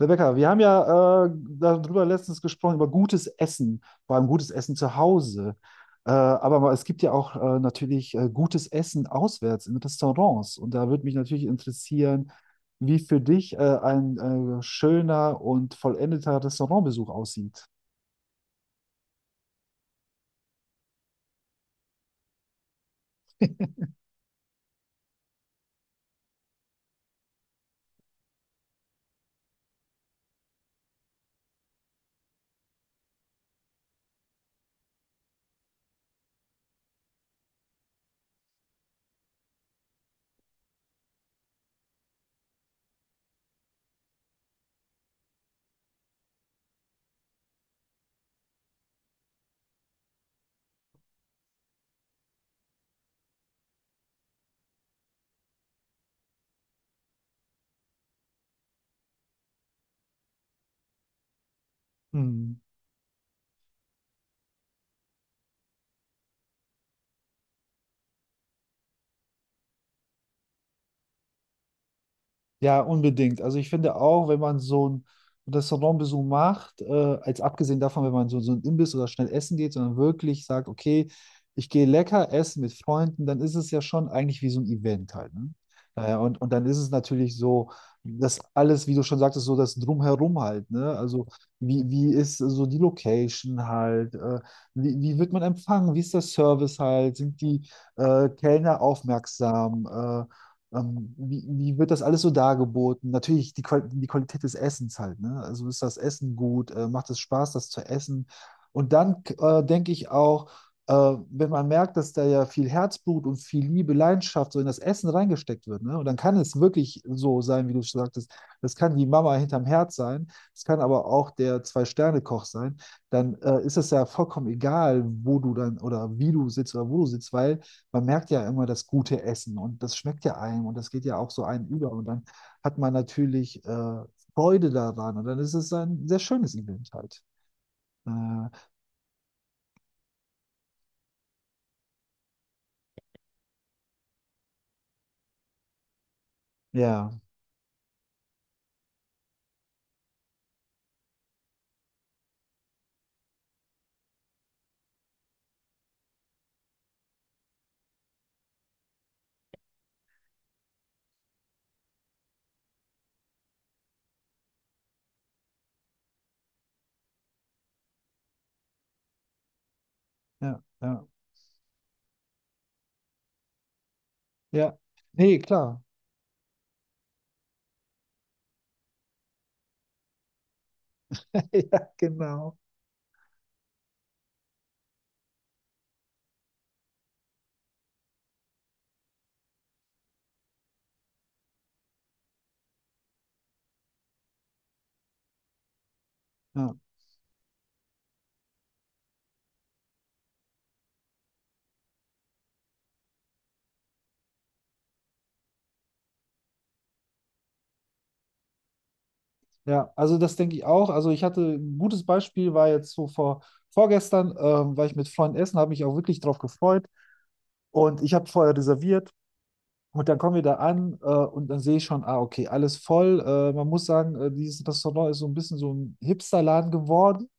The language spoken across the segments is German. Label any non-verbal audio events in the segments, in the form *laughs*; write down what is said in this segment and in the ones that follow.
Rebecca, wir haben ja darüber letztens gesprochen, über gutes Essen, vor allem gutes Essen zu Hause. Aber es gibt ja auch natürlich gutes Essen auswärts in Restaurants. Und da würde mich natürlich interessieren, wie für dich ein schöner und vollendeter Restaurantbesuch aussieht. Ja, unbedingt. Also ich finde auch, wenn man so einen Restaurantbesuch macht, als abgesehen davon, wenn man so ein Imbiss oder schnell essen geht, sondern wirklich sagt, okay, ich gehe lecker essen mit Freunden, dann ist es ja schon eigentlich wie so ein Event halt, ne? Naja, und dann ist es natürlich so, dass alles, wie du schon sagtest, so das Drumherum halt, ne? Also wie ist so die Location halt, wie wird man empfangen, wie ist der Service halt, sind die Kellner aufmerksam? Wie wird das alles so dargeboten? Natürlich die Qualität des Essens halt, ne? Also ist das Essen gut? Macht es Spaß, das zu essen? Und dann denke ich auch, wenn man merkt, dass da ja viel Herzblut und viel Liebe, Leidenschaft so in das Essen reingesteckt wird, ne? Und dann kann es wirklich so sein, wie du schon sagtest, das kann die Mama hinterm Herd sein, es kann aber auch der Zwei-Sterne-Koch sein, dann ist es ja vollkommen egal, wo du dann oder wie du sitzt oder wo du sitzt, weil man merkt ja immer das gute Essen und das schmeckt ja einem und das geht ja auch so einem über und dann hat man natürlich Freude daran und dann ist es ein sehr schönes Event halt. Äh, ja, ja, ja, ja. Nee, klar. *laughs* Ja, genau. Ja, ja, also das denke ich auch. Also ich hatte ein gutes Beispiel, war jetzt so vor vorgestern, war ich mit Freunden essen, habe mich auch wirklich drauf gefreut und ich habe vorher reserviert. Und dann kommen wir da an, und dann sehe ich schon, ah, okay, alles voll. Man muss sagen, dieses Restaurant ist so ein bisschen so ein Hipsterladen geworden.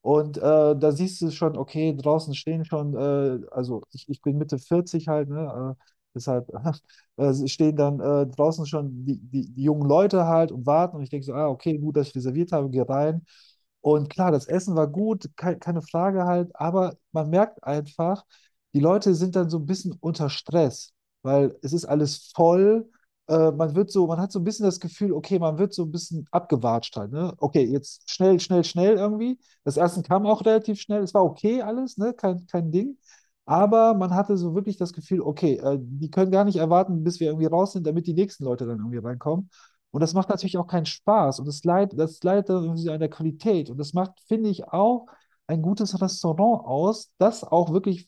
Und da siehst du schon, okay, draußen stehen schon, also ich bin Mitte 40 halt, ne? Deshalb *laughs* stehen dann draußen schon die jungen Leute halt und warten. Und ich denke so, ah, okay, gut, dass ich reserviert habe, geh rein. Und klar, das Essen war gut, ke keine Frage halt, aber man merkt einfach, die Leute sind dann so ein bisschen unter Stress, weil es ist alles voll. Man wird so, man hat so ein bisschen das Gefühl, okay, man wird so ein bisschen abgewatscht halt, ne? Okay, jetzt schnell, schnell, schnell irgendwie. Das Essen kam auch relativ schnell. Es war okay alles, ne? Kein Ding. Aber man hatte so wirklich das Gefühl, okay, die können gar nicht erwarten, bis wir irgendwie raus sind, damit die nächsten Leute dann irgendwie reinkommen. Und das macht natürlich auch keinen Spaß. Und das leidet dann irgendwie an der Qualität. Und das macht, finde ich, auch ein gutes Restaurant aus, das auch wirklich,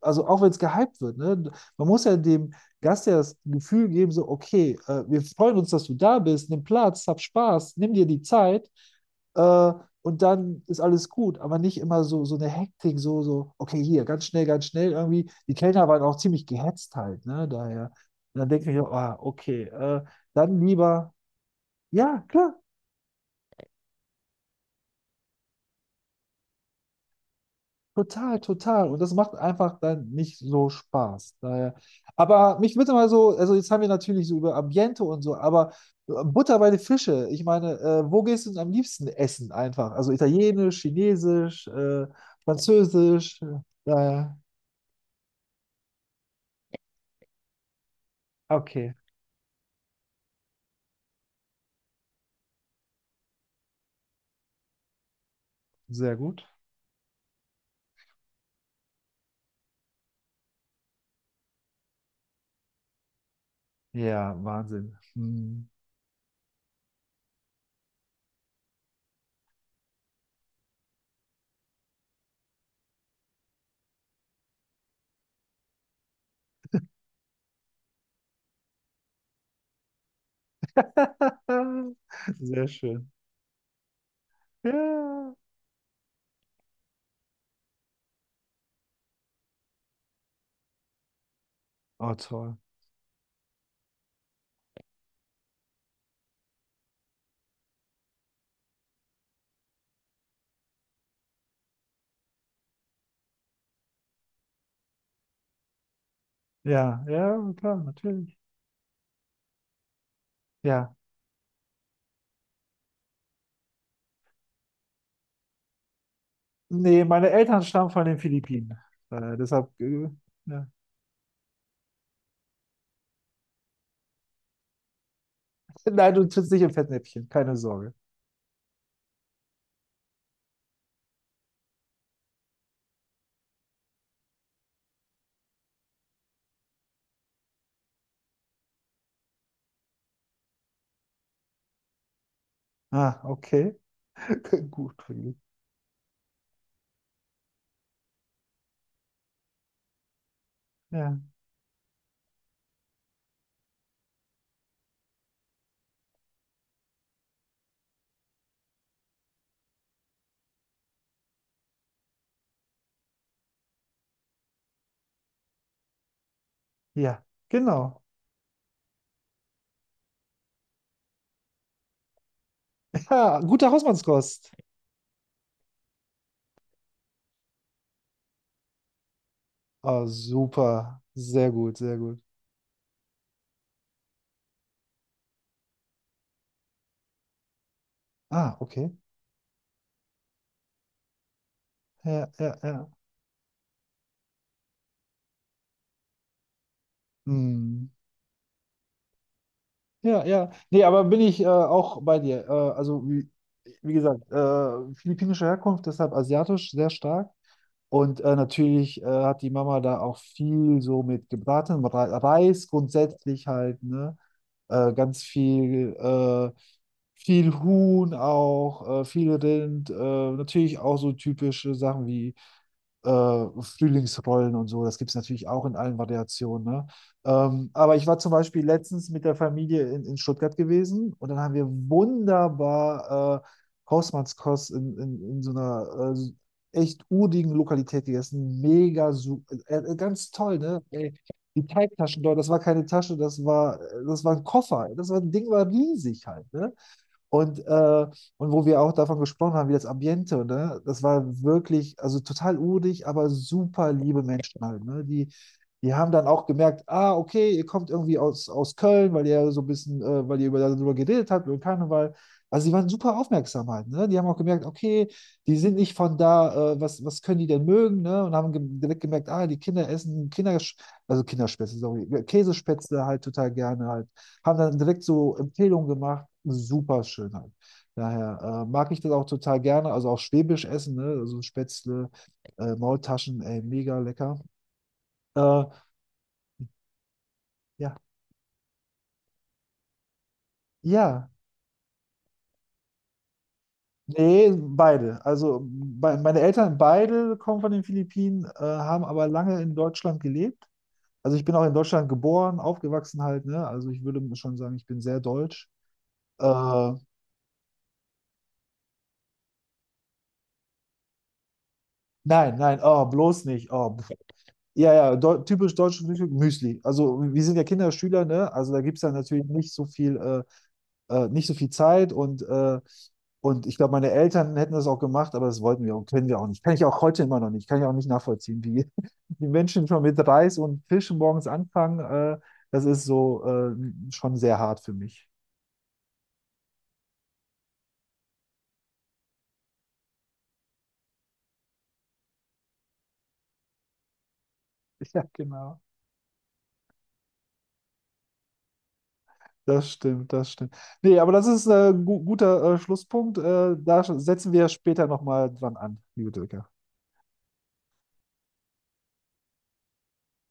also auch wenn es gehypt wird, ne? Man muss ja dem Gast ja das Gefühl geben, so, okay, wir freuen uns, dass du da bist, nimm Platz, hab Spaß, nimm dir die Zeit. Äh, und dann ist alles gut, aber nicht immer so, so eine Hektik, so, so, okay, hier, ganz schnell irgendwie. Die Kellner waren auch ziemlich gehetzt halt, ne, daher. Und dann denke ich auch, ah, okay, dann lieber, ja, klar, total, total. Und das macht einfach dann nicht so Spaß, daher. Aber mich würde mal so, also jetzt haben wir natürlich so über Ambiente und so, aber Butter bei den Fische, ich meine, wo gehst du denn am liebsten essen einfach? Also italienisch, chinesisch, französisch, daher, okay. Sehr gut. Ja, Wahnsinn. Hm. *laughs* Sehr schön. Ja. Oh, toll. Ja, ja, klar, natürlich. Ja. Nee, meine Eltern stammen von den Philippinen. Äh, deshalb, äh, ja. Nein, du trittst nicht im Fettnäpfchen, keine Sorge. Ah, okay. *laughs* Gut, Friedrich. Ja, ja, genau. Ja, gute Hausmannskost. Oh, super. Sehr gut, sehr gut. Ah, okay. Ja, ja, ja. Hm. Ja, ja. Nee, aber bin ich auch bei dir. Also, wie gesagt, philippinische Herkunft, deshalb asiatisch sehr stark. Und natürlich hat die Mama da auch viel so mit gebratenem Reis grundsätzlich halt, ne? Ganz viel, viel Huhn auch, viel Rind, natürlich auch so typische Sachen wie Frühlingsrollen und so. Das gibt es natürlich auch in allen Variationen. Ne? Aber ich war zum Beispiel letztens mit der Familie in Stuttgart gewesen und dann haben wir wunderbar Hausmannskost in so einer echt urigen Lokalität gegessen. Mega super, ganz toll, ne? Ey, die Teigtaschen dort, das war keine Tasche, das war ein Koffer. Das war, Ding war riesig halt, ne? Und, äh, und wo wir auch davon gesprochen haben, wie das Ambiente, ne? Das war wirklich, also total urig, aber super liebe Menschen halt, ne? Die haben dann auch gemerkt, ah, okay, ihr kommt irgendwie aus, aus Köln, weil ihr so ein bisschen, weil ihr über, darüber geredet habt, über Karneval. Also die waren super aufmerksam halt, ne? Die haben auch gemerkt, okay, die sind nicht von da, was können die denn mögen, ne? Und haben ge direkt gemerkt, ah, die Kinder essen Kinder, also Kinderspätzle, sorry, Käsespätzle halt total gerne halt, haben dann direkt so Empfehlungen gemacht. Super Schönheit. Daher mag ich das auch total gerne. Also auch Schwäbisch essen, ne? Also Spätzle, Maultaschen, ey, mega lecker. Äh, ja, ja. Nee, beide. Also bei, meine Eltern beide kommen von den Philippinen, haben aber lange in Deutschland gelebt. Also ich bin auch in Deutschland geboren, aufgewachsen halt, ne? Also ich würde schon sagen, ich bin sehr deutsch. Äh, nein, nein, oh, bloß nicht. Oh, ja, ja, deu typisch deutsche Frühstück, Müsli. Also wir sind ja Kinderschüler, ne? Also da gibt es dann natürlich nicht so viel, nicht so viel Zeit und ich glaube, meine Eltern hätten das auch gemacht, aber das wollten wir und können wir auch nicht. Kann ich auch heute immer noch nicht. Kann ich auch nicht nachvollziehen, wie *laughs* die Menschen schon mit Reis und Fisch morgens anfangen. Das ist so schon sehr hart für mich. *laughs* Ja, genau. Das stimmt, das stimmt. Nee, aber das ist ein gu guter Schlusspunkt. Da setzen wir später nochmal dran an, liebe Dirk.